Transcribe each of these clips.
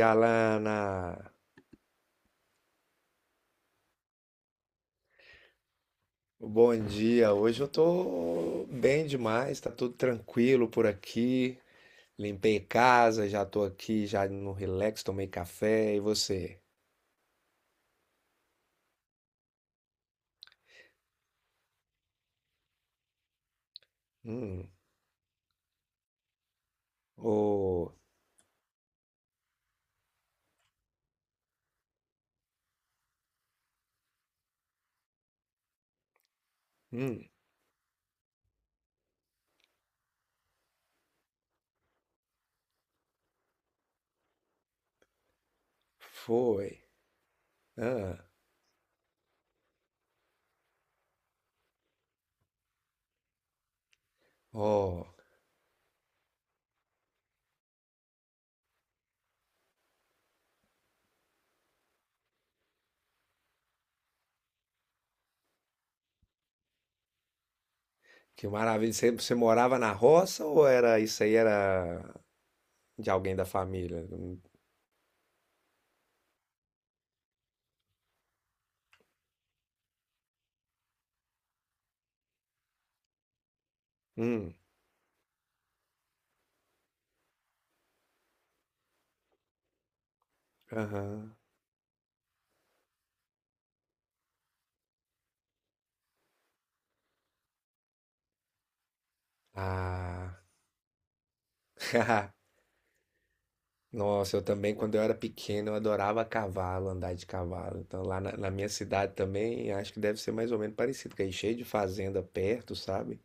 E, Alana, bom dia. Hoje eu tô bem demais, tá tudo tranquilo por aqui. Limpei casa, já tô aqui, já no relax, tomei café. E você? Hum, oh, hum, foi. Ah, oh, que maravilha. Você morava na roça ou era isso aí era de alguém da família? Hum, aham. Ah, Nossa, eu também, quando eu era pequeno, eu adorava cavalo, andar de cavalo. Então, lá na minha cidade também, acho que deve ser mais ou menos parecido, que aí cheio de fazenda perto, sabe?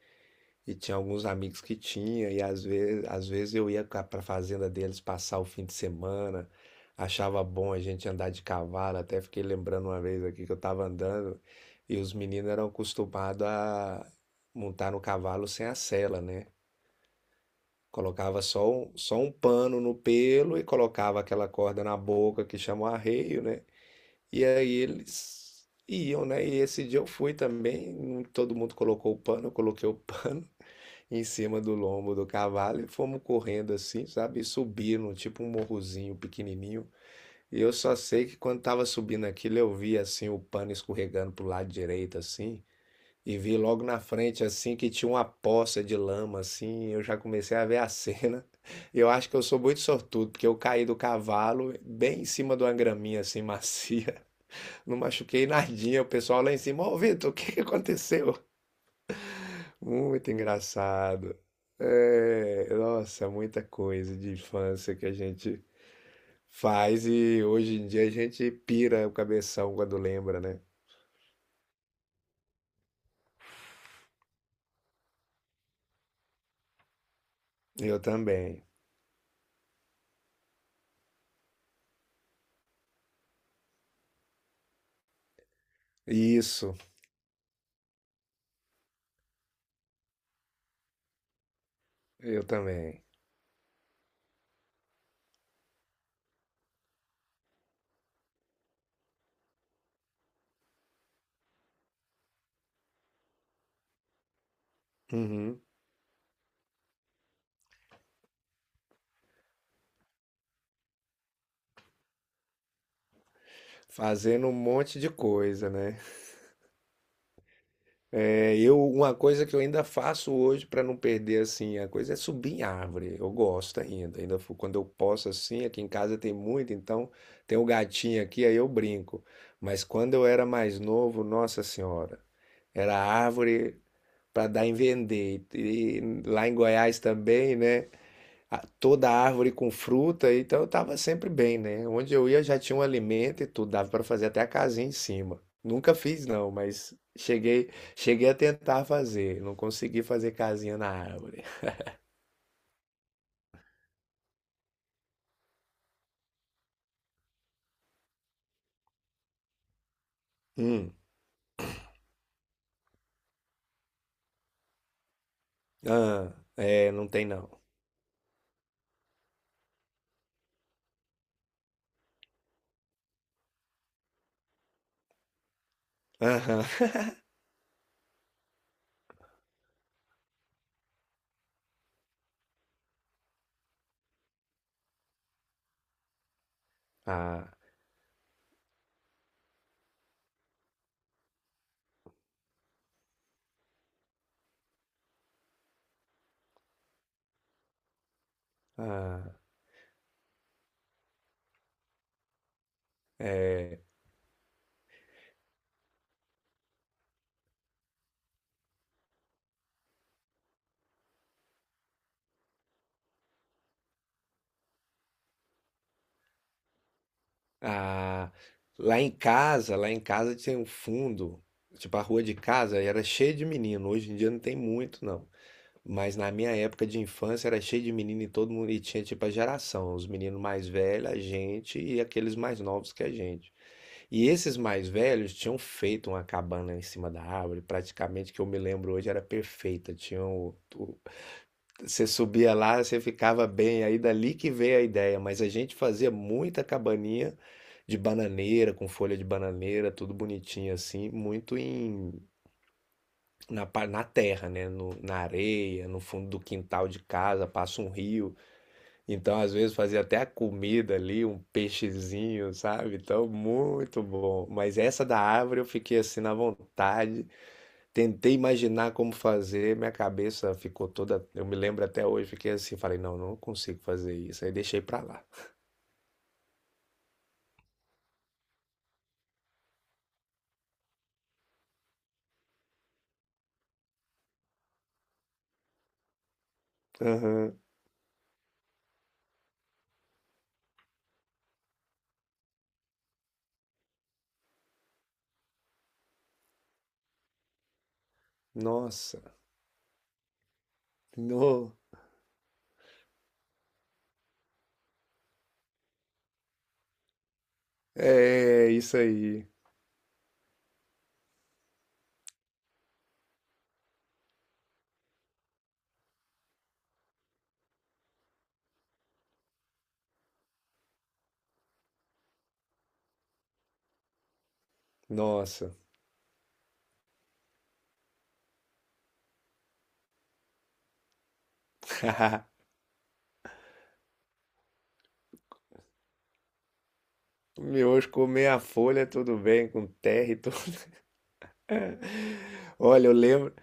E tinha alguns amigos que tinha, e às vezes eu pra fazenda deles passar o fim de semana, achava bom a gente andar de cavalo, até fiquei lembrando uma vez aqui que eu tava andando, e os meninos eram acostumados a montar no cavalo sem a sela, né? Colocava só um pano no pelo e colocava aquela corda na boca que chama arreio, né? E aí eles iam, né? E esse dia eu fui também, todo mundo colocou o pano, eu coloquei o pano em cima do lombo do cavalo e fomos correndo assim, sabe? E subindo, tipo um morrozinho pequenininho. E eu só sei que quando tava subindo aquilo, eu vi assim o pano escorregando pro lado direito, assim. E vi logo na frente, assim, que tinha uma poça de lama, assim, eu já comecei a ver a cena. Eu acho que eu sou muito sortudo, porque eu caí do cavalo bem em cima de uma graminha, assim, macia. Não machuquei nadinha, o pessoal lá em cima, ô Vitor, o que que aconteceu? Muito engraçado. É, nossa, muita coisa de infância que a gente faz e hoje em dia a gente pira o cabeção quando lembra, né? Eu também. Isso, eu também. Uhum. Fazendo um monte de coisa, né? É, eu, uma coisa que eu ainda faço hoje para não perder assim a coisa é subir em árvore. Eu gosto ainda, quando eu posso assim, aqui em casa tem muito, então tem o gatinho aqui, aí eu brinco. Mas quando eu era mais novo, nossa senhora, era árvore para dar em vender. E lá em Goiás também, né? Toda árvore com fruta, então eu tava sempre bem, né? Onde eu ia já tinha um alimento e tudo, dava para fazer até a casinha em cima. Nunca fiz não, mas cheguei, cheguei a tentar fazer, não consegui fazer casinha na árvore. Hum. Ah, é, não tem não. Aham. Ah, ah, é. Ah, lá em casa tinha um fundo, tipo a rua de casa era cheia de menino, hoje em dia não tem muito não. Mas na minha época de infância era cheio de menino e todo mundo e tinha tipo a geração, os meninos mais velhos, a gente e aqueles mais novos que a gente. E esses mais velhos tinham feito uma cabana em cima da árvore, praticamente que eu me lembro hoje era perfeita. Você subia lá, você ficava bem, aí dali que veio a ideia, mas a gente fazia muita cabaninha de bananeira, com folha de bananeira, tudo bonitinho assim, muito em na terra, né? No, Na areia, no fundo do quintal de casa, passa um rio. Então, às vezes, fazia até a comida ali, um peixezinho, sabe? Então, muito bom. Mas essa da árvore eu fiquei assim na vontade. Tentei imaginar como fazer, minha cabeça ficou toda. Eu me lembro até hoje, fiquei assim, falei, não, não consigo fazer isso. Aí deixei pra lá. Aham. Nossa. No. É, isso aí. Nossa. O miojo com meia folha, tudo bem, com terra e tudo. Olha, eu lembro,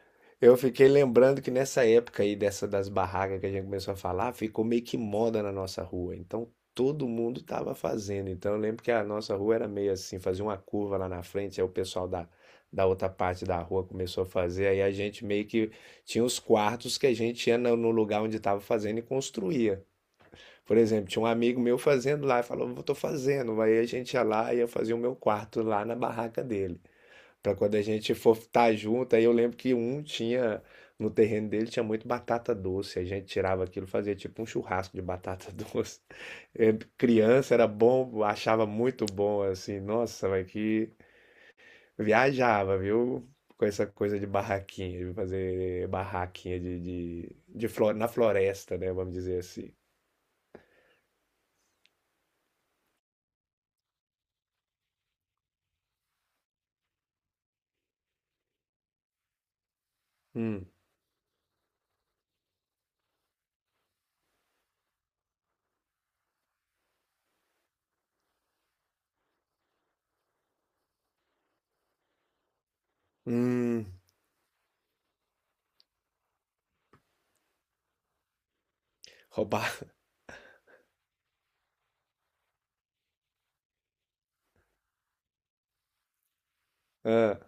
eu fiquei lembrando que nessa época aí, dessa das barracas que a gente começou a falar, ficou meio que moda na nossa rua. Então todo mundo tava fazendo. Então eu lembro que a nossa rua era meio assim, fazia uma curva lá na frente, aí o pessoal da outra parte da rua começou a fazer. Aí a gente meio que tinha os quartos que a gente ia no lugar onde tava fazendo e construía. Por exemplo, tinha um amigo meu fazendo lá, falou, eu tô fazendo. Aí a gente ia lá e eu fazia o meu quarto lá na barraca dele. Pra quando a gente for estar junto, aí eu lembro que um tinha, no terreno dele tinha muito batata doce. A gente tirava aquilo, fazia tipo um churrasco de batata doce. É, criança era bom, achava muito bom, assim, nossa, mas que viajava, viu? Com essa coisa de barraquinha, de fazer barraquinha na floresta, né? Vamos dizer assim. Hum. Hum. Roubar. Ah,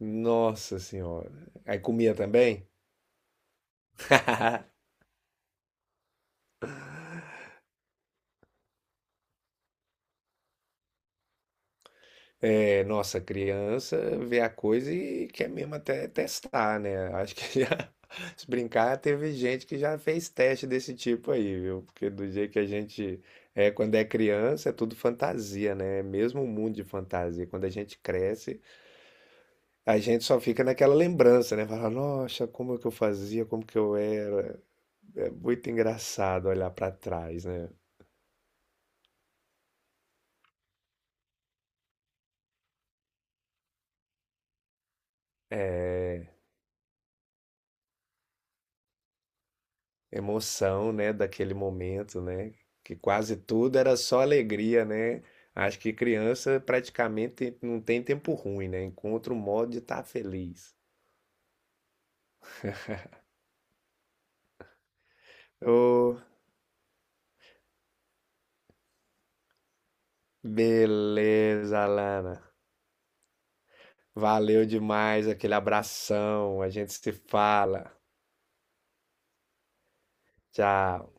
nossa senhora. Aí comia também? É, nossa, criança vê a coisa e quer mesmo até testar, né? Acho que já, se brincar, teve gente que já fez teste desse tipo aí, viu? Porque do jeito que a gente é quando é criança, é tudo fantasia, né? É mesmo um mundo de fantasia. Quando a gente cresce, a gente só fica naquela lembrança, né? Fala, nossa, como que eu fazia, como que eu era. É muito engraçado olhar pra trás, né? É, emoção, né, daquele momento, né? Que quase tudo era só alegria, né? Acho que criança praticamente não tem tempo ruim, né? Encontra um modo de estar feliz. Ô, beleza, Alana. Valeu demais aquele abração. A gente se fala. Tchau.